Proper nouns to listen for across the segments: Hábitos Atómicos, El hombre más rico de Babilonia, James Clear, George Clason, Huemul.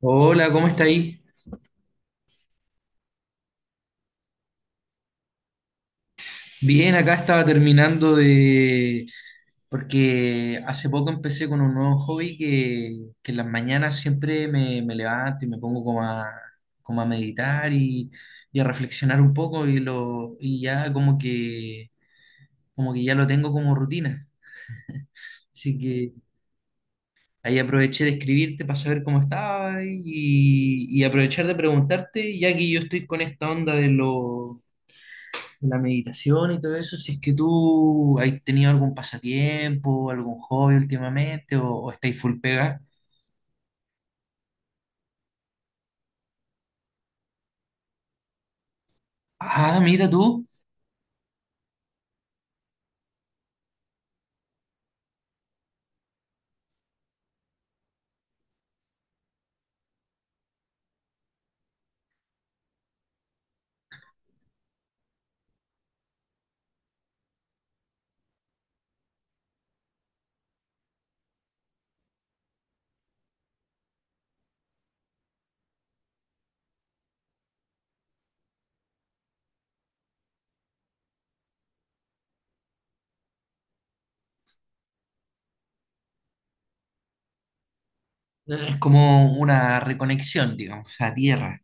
Hola, ¿cómo está ahí? Bien, acá estaba terminando de... Porque hace poco empecé con un nuevo hobby que en las mañanas siempre me levanto y me pongo como a meditar y a reflexionar un poco y ya como que ya lo tengo como rutina. Así que ahí aproveché de escribirte para saber cómo estaba y aprovechar de preguntarte, ya que yo estoy con esta onda de los la meditación y todo eso, si es que tú has tenido algún pasatiempo, algún hobby últimamente o estáis full pega. Ah, mira tú, es como una reconexión, digamos, a tierra.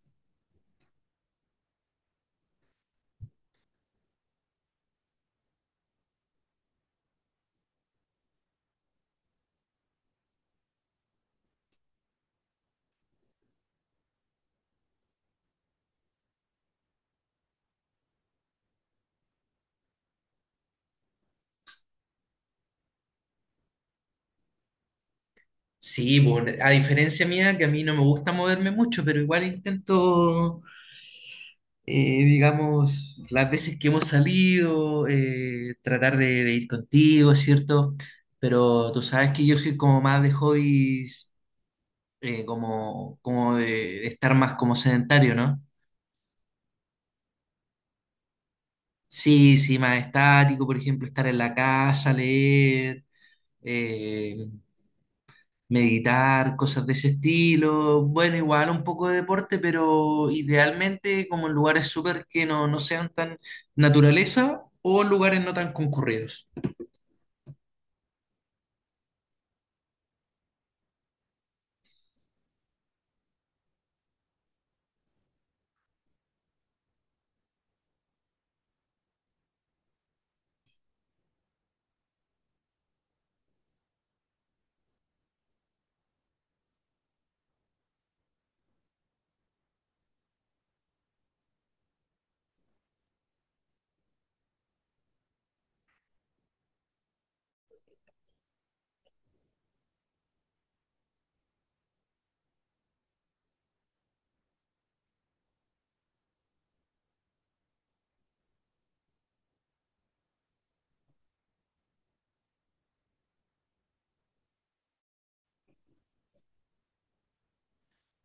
Sí, pues, a diferencia mía, que a mí no me gusta moverme mucho, pero igual intento, digamos, las veces que hemos salido, tratar de ir contigo, ¿cierto? Pero tú sabes que yo soy como más de hobbies como, de estar más como sedentario, ¿no? Sí, sí, más estático, por ejemplo, estar en la casa, leer, eh, meditar, cosas de ese estilo. Bueno, igual un poco de deporte, pero idealmente como en lugares súper que no, no sean tan naturaleza o en lugares no tan concurridos.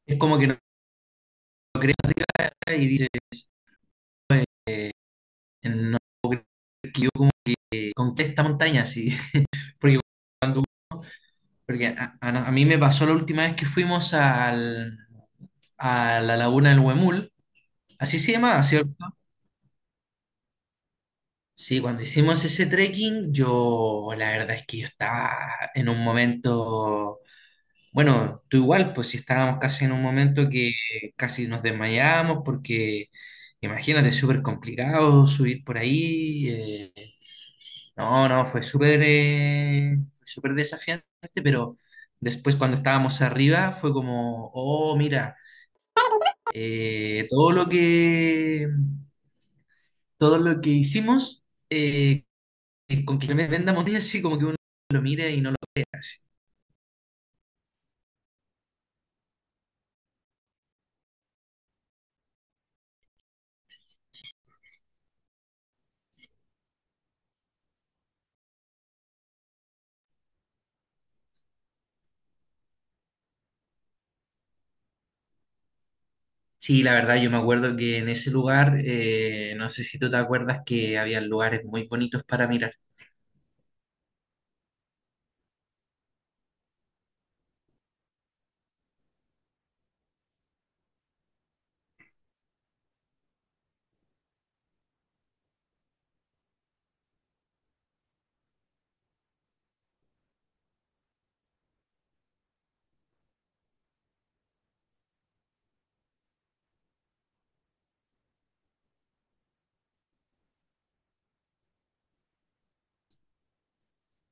Es como que no y dice, en, ¿con qué esta montaña? Sí, porque, porque a mí me pasó la última vez que fuimos al, a la laguna del Huemul. Así se llamaba, ¿cierto? Sí, cuando hicimos ese trekking, yo la verdad es que yo estaba en un momento, bueno, tú igual, pues si estábamos casi en un momento que casi nos desmayábamos porque imagínate, es súper complicado subir por ahí. No, no, fue súper desafiante, pero después cuando estábamos arriba fue como, oh, mira, eh, todo lo que, todo lo que hicimos eh, con que me venda monedas, sí, como que uno... hace. Sí, la verdad, yo me acuerdo que en ese lugar, no sé si tú te acuerdas que había lugares muy bonitos para mirar.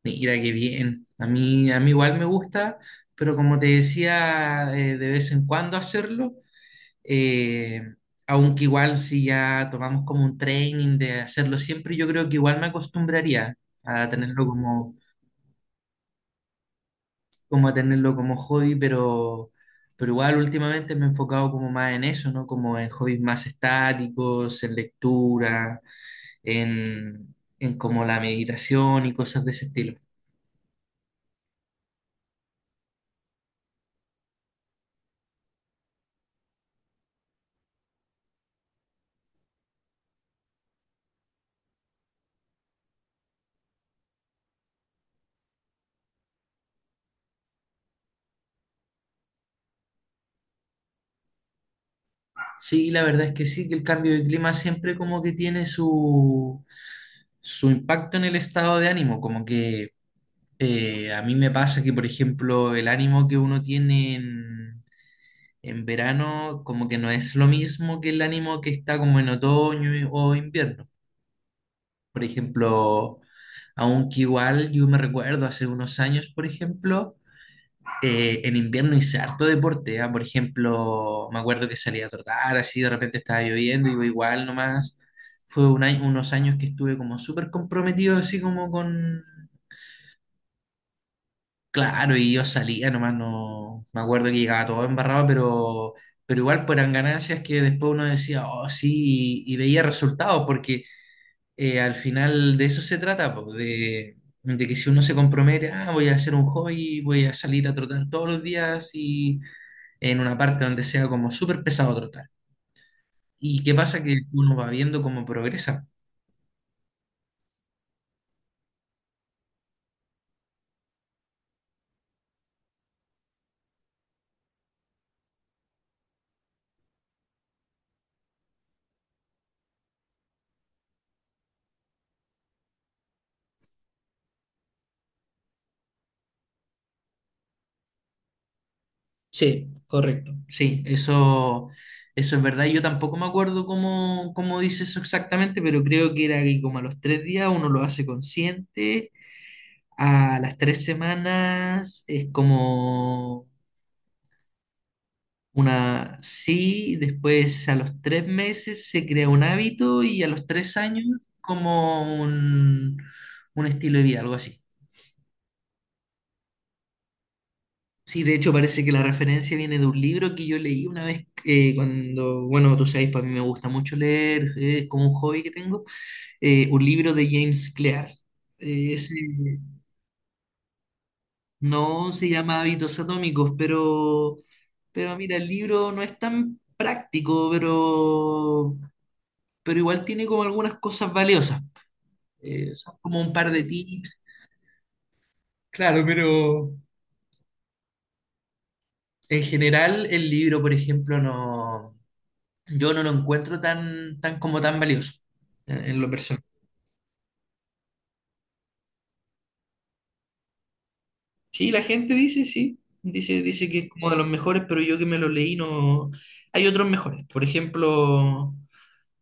Mira qué bien. A mí igual me gusta, pero como te decía, de vez en cuando hacerlo, eh, aunque igual si ya tomamos como un training de hacerlo siempre, yo creo que igual me acostumbraría a tenerlo como a tenerlo como hobby, pero igual últimamente me he enfocado como más en eso, ¿no? Como en hobbies más estáticos, en lectura, en como la meditación y cosas de ese estilo. Sí, la verdad es que sí, que el cambio de clima siempre como que tiene su, su impacto en el estado de ánimo, como que a mí me pasa que, por ejemplo, el ánimo que uno tiene en verano como que no es lo mismo que el ánimo que está como en otoño o invierno. Por ejemplo, aunque igual yo me recuerdo hace unos años, por ejemplo, en invierno hice harto deporte, ¿ah? Por ejemplo, me acuerdo que salía a trotar, así de repente estaba lloviendo, iba igual nomás. Fue unos años que estuve como súper comprometido, así como con... Claro, y yo salía nomás, no... Me acuerdo que llegaba todo embarrado, pero... Pero igual eran ganancias que después uno decía, oh sí, y veía resultados, porque al final de eso se trata, po, de que si uno se compromete, ah, voy a hacer un hobby, voy a salir a trotar todos los días y en una parte donde sea como súper pesado trotar. ¿Y qué pasa? Que uno va viendo cómo progresa. Sí, correcto. Sí, eso es verdad. Yo tampoco me acuerdo cómo, cómo dice eso exactamente, pero creo que era que como a los tres días uno lo hace consciente, a las tres semanas es como una sí, después a los tres meses se crea un hábito y a los tres años como un estilo de vida, algo así. Sí, de hecho parece que la referencia viene de un libro que yo leí una vez cuando, bueno, tú sabes, para mí me gusta mucho leer, es como un hobby que tengo, un libro de James Clear. Ese no se llama Hábitos Atómicos, pero mira, el libro no es tan práctico, pero igual tiene como algunas cosas valiosas. Son como un par de tips. Claro, pero en general el libro, por ejemplo, no, yo no lo encuentro tan, tan como tan valioso en lo personal. Sí, la gente dice, sí, dice, dice que es como de los mejores, pero yo que me lo leí no... Hay otros mejores. Por ejemplo,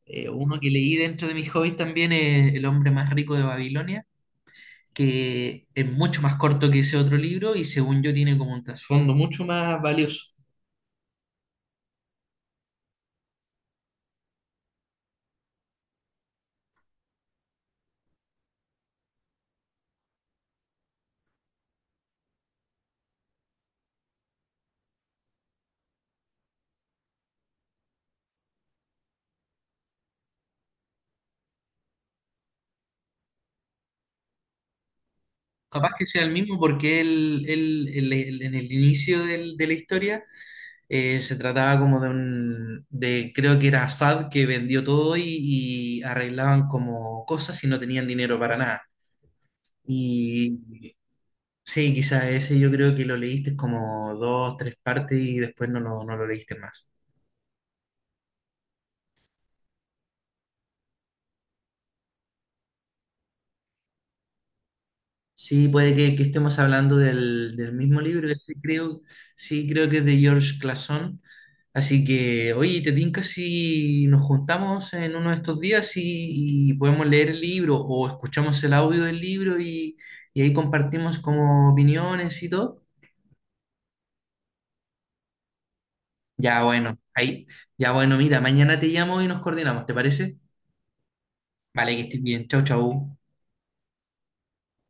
uno que leí dentro de mis hobbies también es El hombre más rico de Babilonia, que es mucho más corto que ese otro libro y según yo tiene como un trasfondo mucho más valioso. Capaz que sea el mismo porque en el inicio de la historia se trataba como de un, de creo que era Assad que vendió todo y arreglaban como cosas y no tenían dinero para nada. Y sí, quizás ese yo creo que lo leíste como dos, tres partes y después no, no, no lo leíste más. Sí, puede que estemos hablando del mismo libro, ese creo, sí, creo que es de George Clason. Así que, oye, ¿te tinca si nos juntamos en uno de estos días y podemos leer el libro o escuchamos el audio del libro y ahí compartimos como opiniones y todo? Ya, bueno, ahí, ya, bueno, mira, mañana te llamo y nos coordinamos, ¿te parece? Vale, que estés bien, chau, chau.